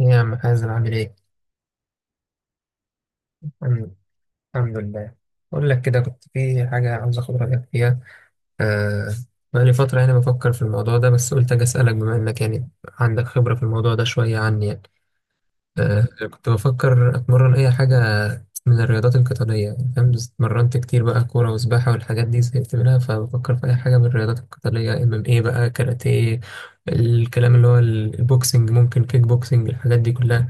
إيه يا عم حازم عامل ايه؟ الحمد الحمد لله. بقول لك كده كنت في حاجة عاوز اخد رأيك فيها. آه. بقالي فترة يعني بفكر في الموضوع ده، بس قلت اجي اسألك بما انك يعني عندك خبرة في الموضوع ده شوية عني يعني. آه كنت بفكر اتمرن اي حاجة من الرياضات القتالية، يعني فاهم، بس اتمرنت كتير بقى كورة وسباحة والحاجات دي زهقت منها، فبفكر في اي حاجة من الرياضات القتالية. ام ام ايه بقى، كاراتيه الكلام اللي هو البوكسنج، ممكن كيك بوكسنج، الحاجات دي كلها.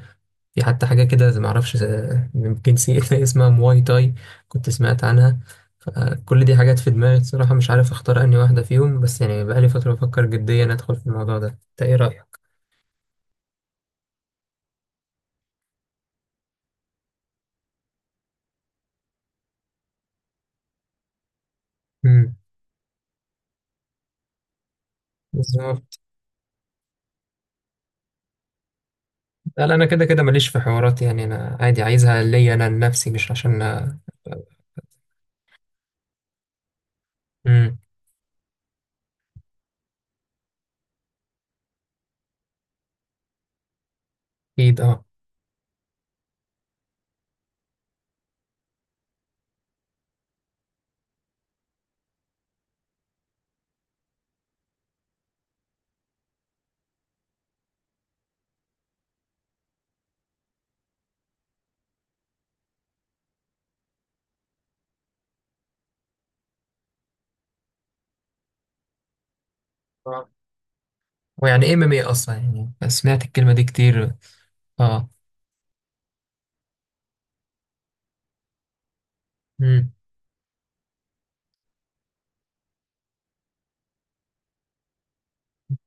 في حتى حاجة كده زي- معرفش زي- يمكن سي اسمها مواي تاي، كنت سمعت عنها. فكل دي حاجات في دماغي الصراحة، مش عارف اختار أنهي واحدة فيهم، بس يعني بقالي فترة بفكر جديا أدخل في الموضوع ده. انت ايه رأيك؟ مم. بالظبط. لا لا، أنا كده كده ماليش في حوارات، يعني أنا عادي عايزها ليا أنا لنفسي، مش عشان. امم. أكيد اه. آه. ويعني إيه ام ام ايه أصلا؟ يعني سمعت الكلمة دي كتير. اه. امم.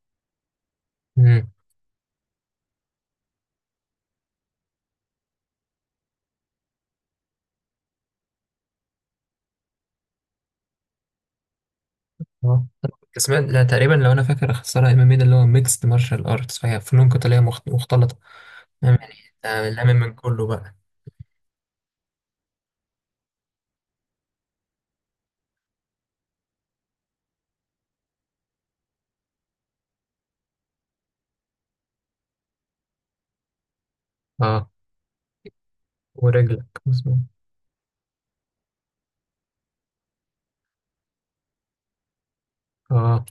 اه كنت سمعت، لا تقريبا لو انا فاكر اختصارها ام ام اي، ده اللي هو ميكس مارشال ارتس، فهي فنون قتاليه مختلطه. فاهم يعني. آه، لامم من كله بقى. اه، ورجلك مظبوط. اه.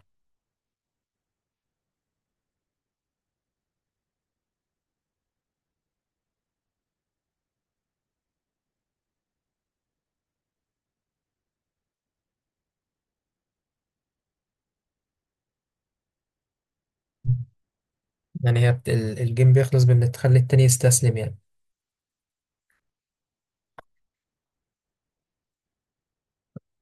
يعني هي بت... الجيم بيخلص بان تخلي التاني يستسلم يعني.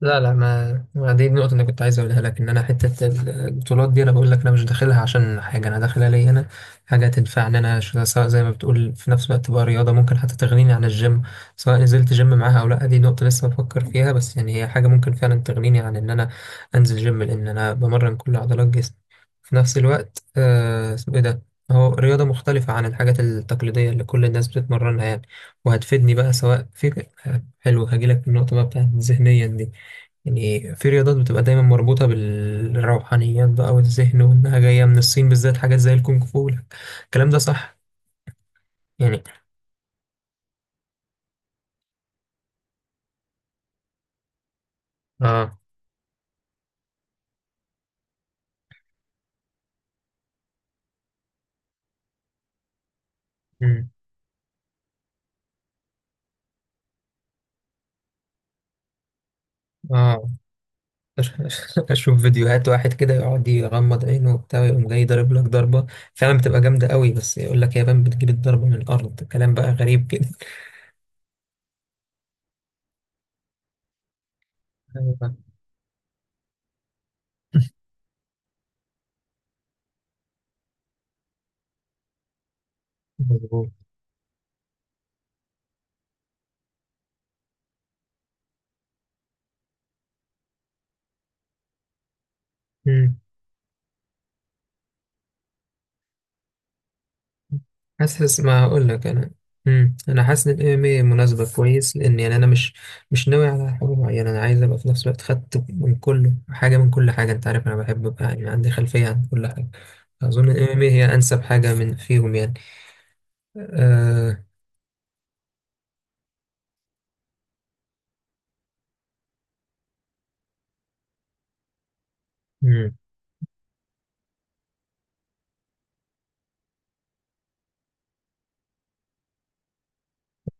لا لا، ما ما دي النقطة اللي كنت عايز أقولها لك، إن أنا حتة البطولات دي أنا بقول لك أنا مش داخلها عشان حاجة، أنا داخلها ليا أنا. حاجة تنفعني أنا، سواء زي ما بتقول في نفس الوقت تبقى رياضة ممكن حتى تغنيني عن الجيم، سواء نزلت جيم معاها أو لأ دي نقطة لسه بفكر فيها. بس يعني هي حاجة ممكن فعلا تغنيني عن إن أنا أنزل جيم، لأن أنا بمرن كل عضلات جسمي في نفس الوقت. آه، اسمه إيه ده، هو رياضة مختلفة عن الحاجات التقليدية اللي كل الناس بتتمرنها يعني. وهتفيدني بقى سواء في. حلو، هجيلك في النقطة بقى بتاعت ذهنيا دي. يعني في رياضات بتبقى دايما مربوطة بالروحانيات بقى والذهن، وإنها جاية من الصين بالذات، حاجات زي الكونغ فو الكلام ده صح؟ يعني اه. مم. اه. أشوف فيديوهات واحد كده يقعد يغمض عينه وبتاع ويقوم جاي ضارب لك ضربة، فعلا بتبقى جامدة قوي، بس يقول لك يا بان بتجيب الضربة من الأرض، كلام بقى غريب كده. أيوة، مظبوط. حاسس، ما هقول لك انا. امم، انا حاسس ان الام ام اي مناسبه كويس، لان يعني انا مش ناوي على حاجه معينه، انا عايز ابقى في نفس الوقت خدت من كل حاجه، من كل حاجه، انت عارف انا بحب ابقى يعني عندي خلفيه عن كل حاجه. اظن الام ام اي هي انسب حاجه من فيهم يعني. اه. امم.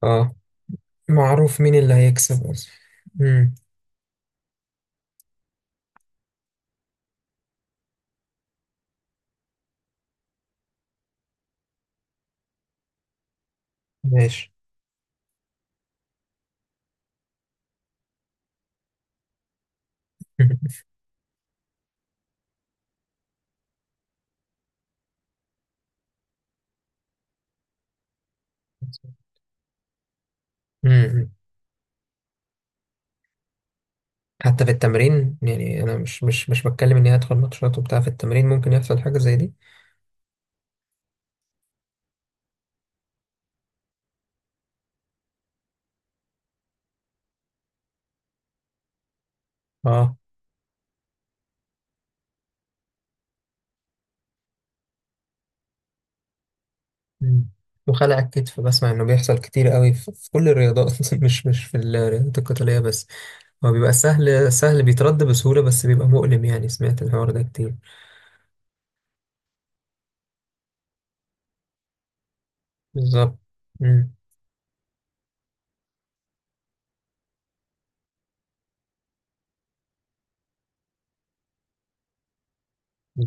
اه. معروف مين اللي هيكسب اصلا. امم. ماشي. امم. حتى في التمرين يعني، انا مش بتكلم اني هدخل ماتشات وبتاع، في التمرين ممكن يحصل حاجه زي دي. اه. مم. وخلع الكتف بسمع انه بيحصل كتير قوي في كل الرياضات، مش في الرياضات القتالية بس. هو بيبقى سهل بيترد بسهولة، بس بيبقى مؤلم يعني، سمعت الحوار ده كتير. بالظبط. مم.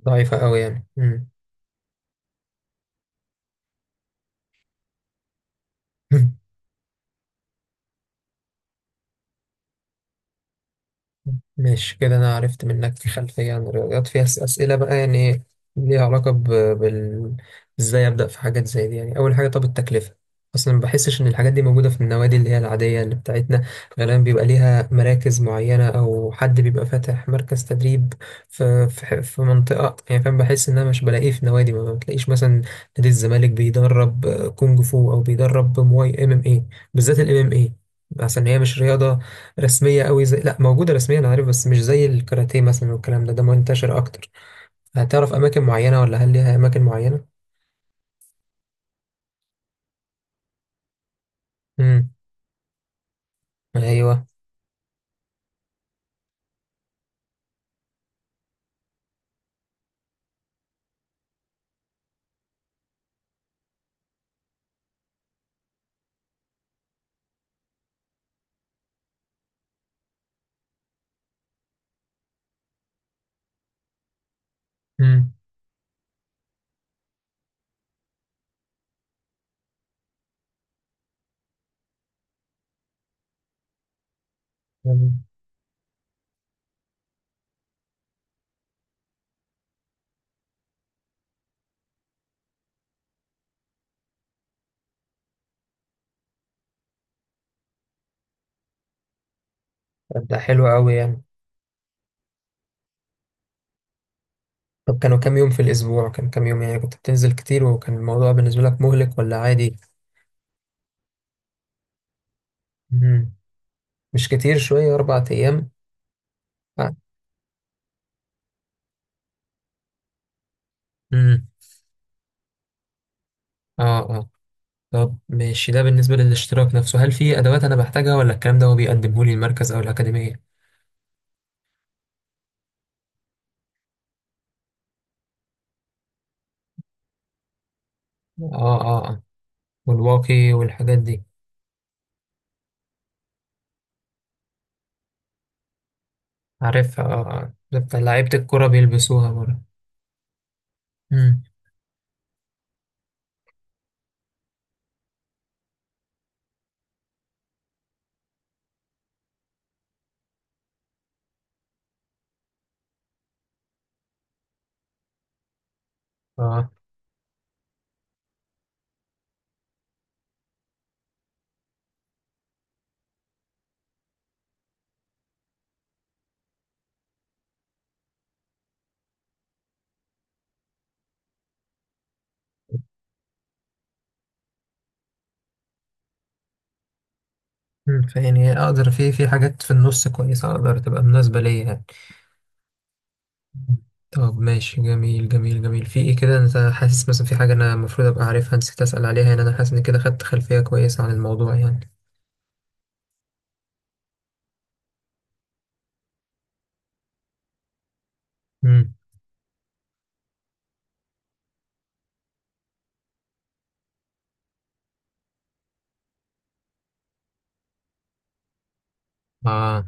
ضعيفة قوي يعني. مم. ماشي كده أنا عرفت منك خلفية عن الرياضيات، فيها أسئلة بقى يعني ليها علاقة ب... بال إزاي أبدأ في حاجات زي دي. يعني أول حاجة، طب التكلفة، أصلا ما بحسش إن الحاجات دي موجودة في النوادي اللي هي العادية اللي بتاعتنا. غالبا بيبقى ليها مراكز معينة، أو حد بيبقى فاتح مركز تدريب في منطقة يعني، فاهم؟ بحس إن أنا مش بلاقيه في نوادي، ما بتلاقيش مثلا نادي الزمالك بيدرب آه، كونج فو، أو بيدرب مواي إم إم إيه. بالذات الإم إم إيه، عشان هي مش رياضة رسمية قوي، زي لا موجودة رسميا أنا عارف، بس مش زي الكاراتيه مثلا والكلام ده، ده منتشر أكتر. هتعرف أماكن معينة، ولا هل ليها أماكن معينة؟ امم. أيوه. امم. طب ده حلو قوي يعني. طب كانوا كام يوم في الأسبوع؟ كان كام يوم يعني، كنت بتنزل كتير؟ وكان الموضوع بالنسبة لك مهلك ولا عادي؟ امم. مش كتير شوية أربع أيام. امم. اه اه. طب ماشي، ده بالنسبة للاشتراك نفسه، هل في أدوات أنا بحتاجها، ولا الكلام ده هو بيقدمه لي المركز أو الأكاديمية؟ اه اه اه. والواقي والحاجات دي. عارفها، اه اه، بتاع لعيبة الكرة بيلبسوها برضه. امم. اه. امم. فيعني اقدر في حاجات في النص كويسة اقدر تبقى مناسبة ليا يعني. مم. طب ماشي، جميل. في ايه كده، انت حاسس مثلا في حاجة انا المفروض ابقى عارفها نسيت اسأل عليها يعني؟ انا حاسس ان كده خدت خلفية كويسة عن الموضوع يعني. امم. اه.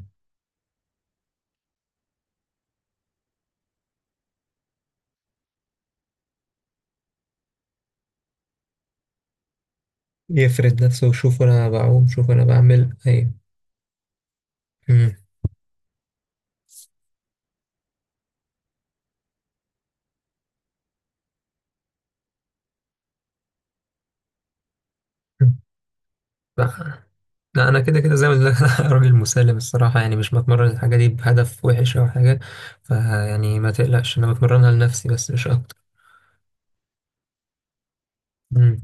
يفرد نفسه وشوف انا بعوم شوف انا بعمل. ايوه. امم. لا لا، انا كده كده زي ما قلت لك، انا راجل مسالم الصراحه يعني، مش بتمرن الحاجه دي بهدف وحش او حاجه. فيعني ما تقلقش، انا بتمرنها لنفسي بس مش اكتر. امم.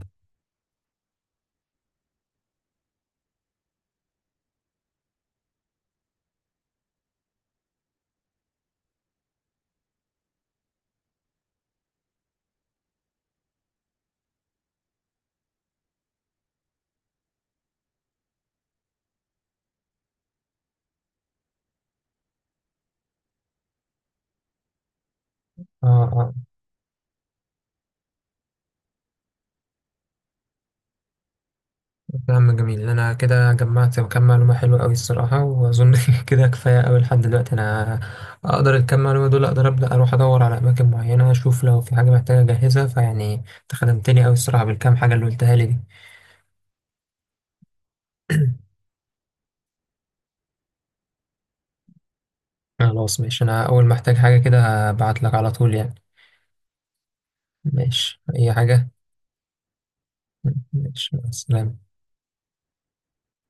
اه اه. كلام جميل، انا كده جمعت كام معلومه حلوه قوي الصراحه، واظن كده كفايه قوي لحد دلوقتي. انا اقدر الكام معلومه دول اقدر ابدا اروح ادور على اماكن معينه، اشوف لو في حاجه محتاجه اجهزها. فيعني انت خدمتني قوي الصراحه بالكام حاجه اللي قلتها لي دي. خلاص ماشي، انا اول ما احتاج حاجه كده هبعت لك على طول يعني. ماشي اي حاجه. ماشي، مع السلامة.